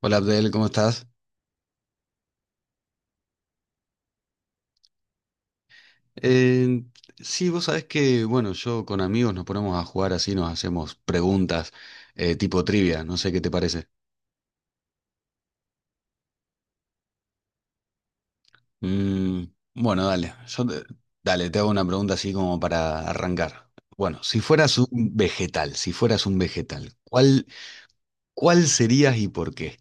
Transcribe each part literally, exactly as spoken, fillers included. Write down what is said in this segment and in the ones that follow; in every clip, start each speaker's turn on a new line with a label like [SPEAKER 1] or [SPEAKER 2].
[SPEAKER 1] Hola Abdel, ¿cómo estás? Eh, sí, vos sabés que, bueno, yo con amigos nos ponemos a jugar así, nos hacemos preguntas eh, tipo trivia, no sé qué te parece. Mm, bueno, dale, yo te- dale, te hago una pregunta así como para arrancar. Bueno, si fueras un vegetal, si fueras un vegetal, ¿cuál, cuál serías y por qué?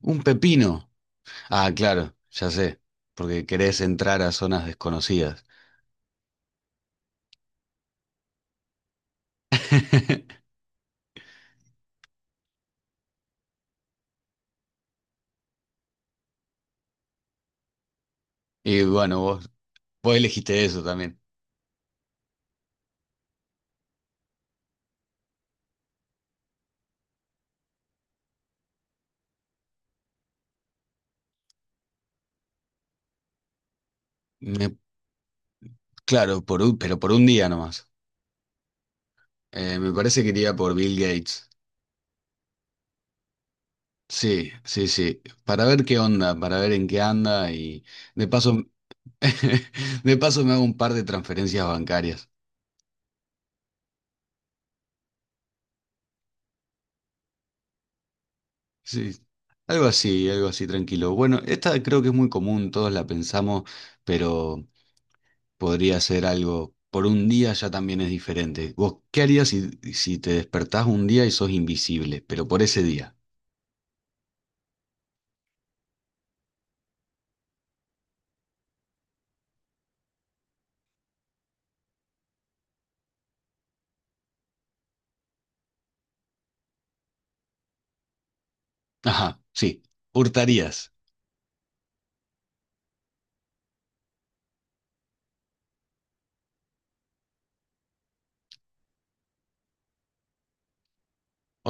[SPEAKER 1] ¿Un pepino? Ah, claro, ya sé, porque querés entrar a zonas desconocidas. Y bueno, vos, vos elegiste eso también. Me Claro, por un- pero por un día nomás. Eh, me parece que iría por Bill Gates. Sí, sí, sí. Para ver qué onda, para ver en qué anda y de paso, de paso me hago un par de transferencias bancarias. Sí, algo así, algo así tranquilo. Bueno, esta creo que es muy común, todos la pensamos, pero podría ser algo. Por un día ya también es diferente. ¿Vos qué harías si, si te despertás un día y sos invisible, pero por ese día? Ajá, sí, hurtarías.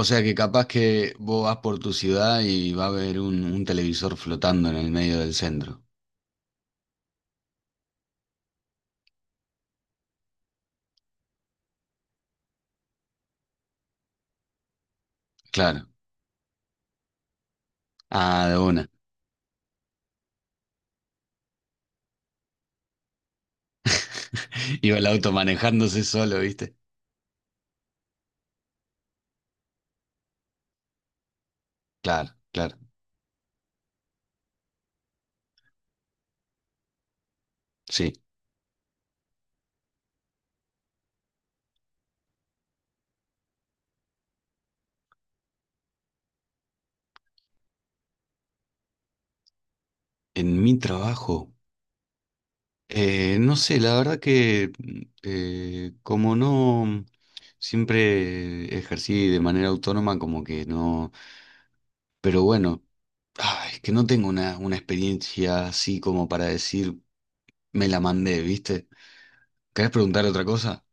[SPEAKER 1] O sea que capaz que vos vas por tu ciudad y va a haber un, un televisor flotando en el medio del centro. Claro. Ah, de una. Iba el auto manejándose solo, ¿viste? Claro, claro. Sí. En mi trabajo, eh, no sé, la verdad que eh, como no siempre ejercí de manera autónoma, como que no. Pero bueno, ah, es que no tengo una, una experiencia así como para decir me la mandé, ¿viste? ¿Querés preguntar otra cosa?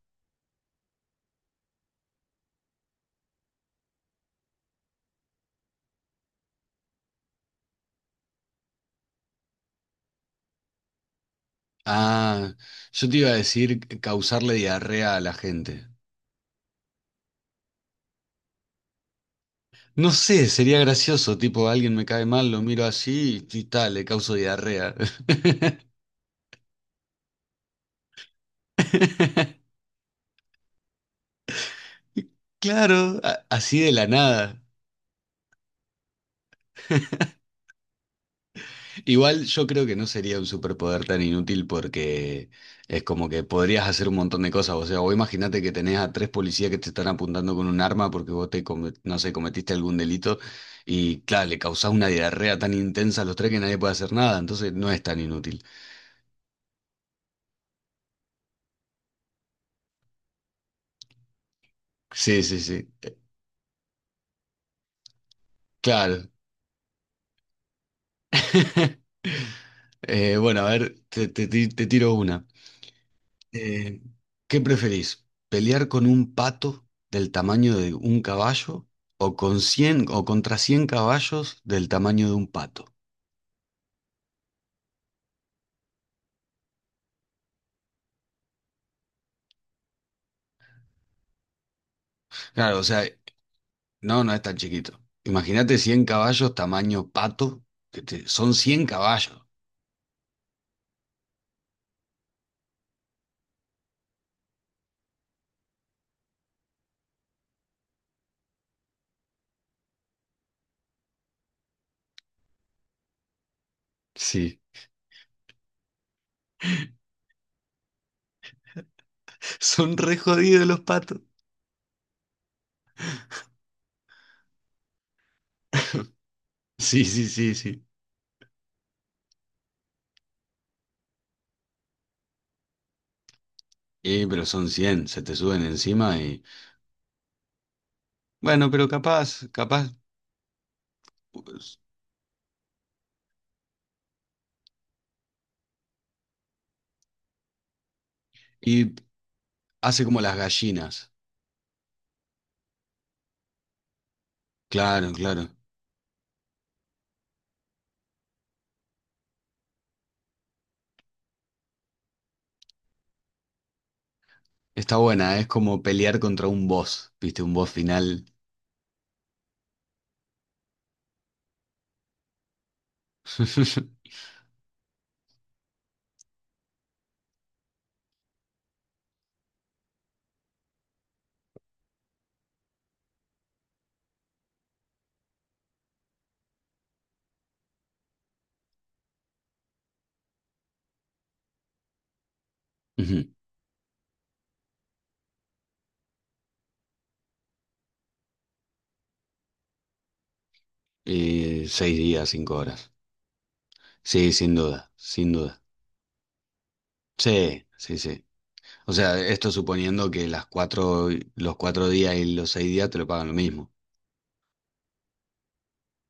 [SPEAKER 1] Ah, yo te iba a decir causarle diarrea a la gente. No sé, sería gracioso, tipo, alguien me cae mal, lo miro así y tal, le causo diarrea. Claro, a- así de la nada. Igual yo creo que no sería un superpoder tan inútil, porque es como que podrías hacer un montón de cosas. O sea, vos imaginate que tenés a tres policías que te están apuntando con un arma porque vos te, come- no sé, cometiste algún delito y, claro, le causás una diarrea tan intensa a los tres que nadie puede hacer nada. Entonces no es tan inútil. Sí, sí, sí. Claro. Eh, bueno, a ver, te, te, ti- te tiro una. Eh, ¿Qué preferís? ¿Pelear con un pato del tamaño de un caballo o con cien o contra cien caballos del tamaño de un pato? Claro, o sea, no, no es tan chiquito. Imagínate cien caballos tamaño pato, que te- son cien caballos. Sí. Son re jodidos los patos. Sí, sí, sí, sí. Y pero son cien, se te suben encima y... Bueno, pero capaz, capaz... Pues, y hace como las gallinas. Claro, claro. Está buena, es como pelear contra un boss, ¿viste? Un boss final. Ujú. Y seis días, cinco horas. Sí, sin duda, sin duda. Sí, sí, sí. O sea, esto suponiendo que las cuatro, los cuatro días y los seis días te lo pagan lo mismo.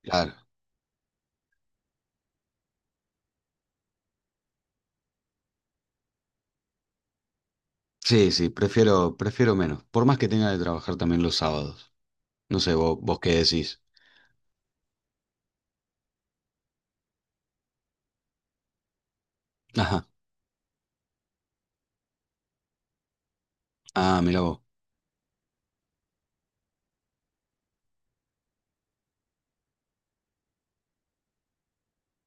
[SPEAKER 1] Claro. Sí, sí, prefiero, prefiero menos. Por más que tenga de trabajar también los sábados. No sé, vos, vos qué decís. Ajá. Ah, mira vos.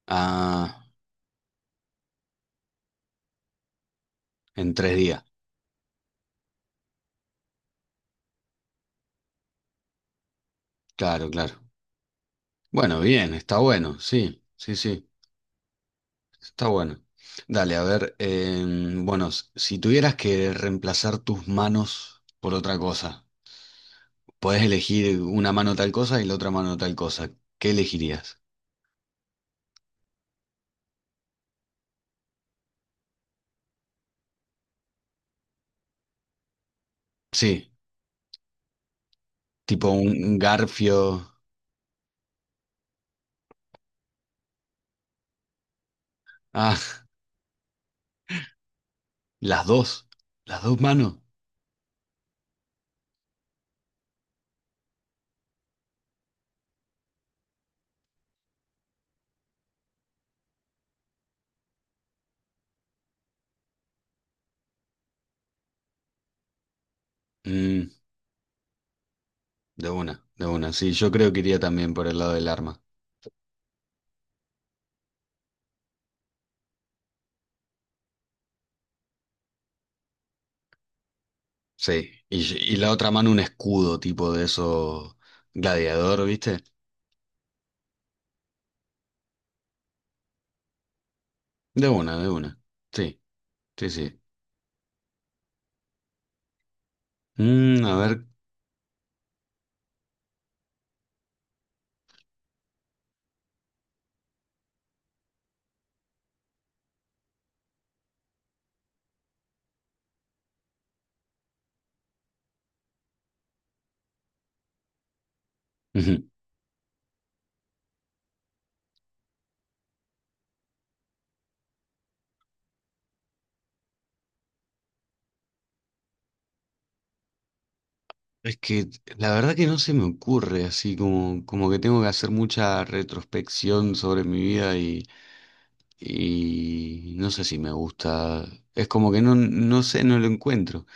[SPEAKER 1] Ah, en tres días. Claro, claro. Bueno, bien, está bueno, sí, sí, sí. Está bueno. Dale, a ver, em, bueno, s- si tuvieras que reemplazar tus manos por otra cosa, podés elegir una mano tal cosa y la otra mano tal cosa, ¿qué elegirías? Sí, tipo un un garfio. Ah, las dos, las dos manos. Mm, de una, de una, sí, yo creo que iría también por el lado del arma. Sí, y, y- y la otra mano un escudo tipo de eso gladiador, ¿viste? De una, de una. Sí, sí, sí. Mm, a ver. Es que la verdad que no se me ocurre, así como, como que tengo que hacer mucha retrospección sobre mi vida y, y no sé si me gusta. Es como que no, no sé, no lo encuentro.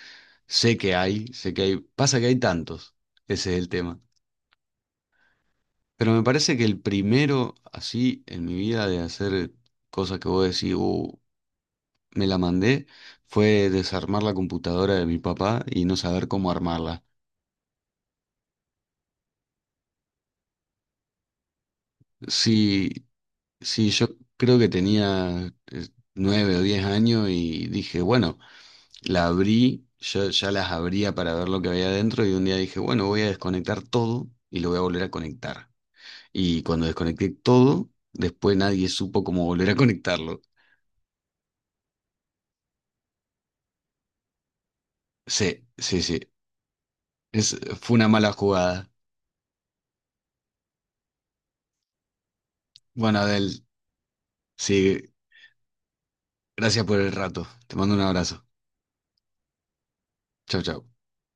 [SPEAKER 1] Sé que hay, sé que hay. Pasa que hay tantos, ese es el tema. Pero me parece que el primero, así, en mi vida de hacer cosas que vos decís: "Uh, me la mandé", fue desarmar la computadora de mi papá y no saber cómo armarla. Sí, sí, yo creo que tenía eh, nueve o diez años y dije, bueno, la abrí, yo ya las abría para ver lo que había adentro, y un día dije, bueno, voy a desconectar todo y lo voy a volver a conectar. Y cuando desconecté todo, después nadie supo cómo volver a conectarlo. Sí, sí, sí. Es, fue una mala jugada. Bueno, Adel, sí, gracias por el rato. Te mando un abrazo. Chau, chau.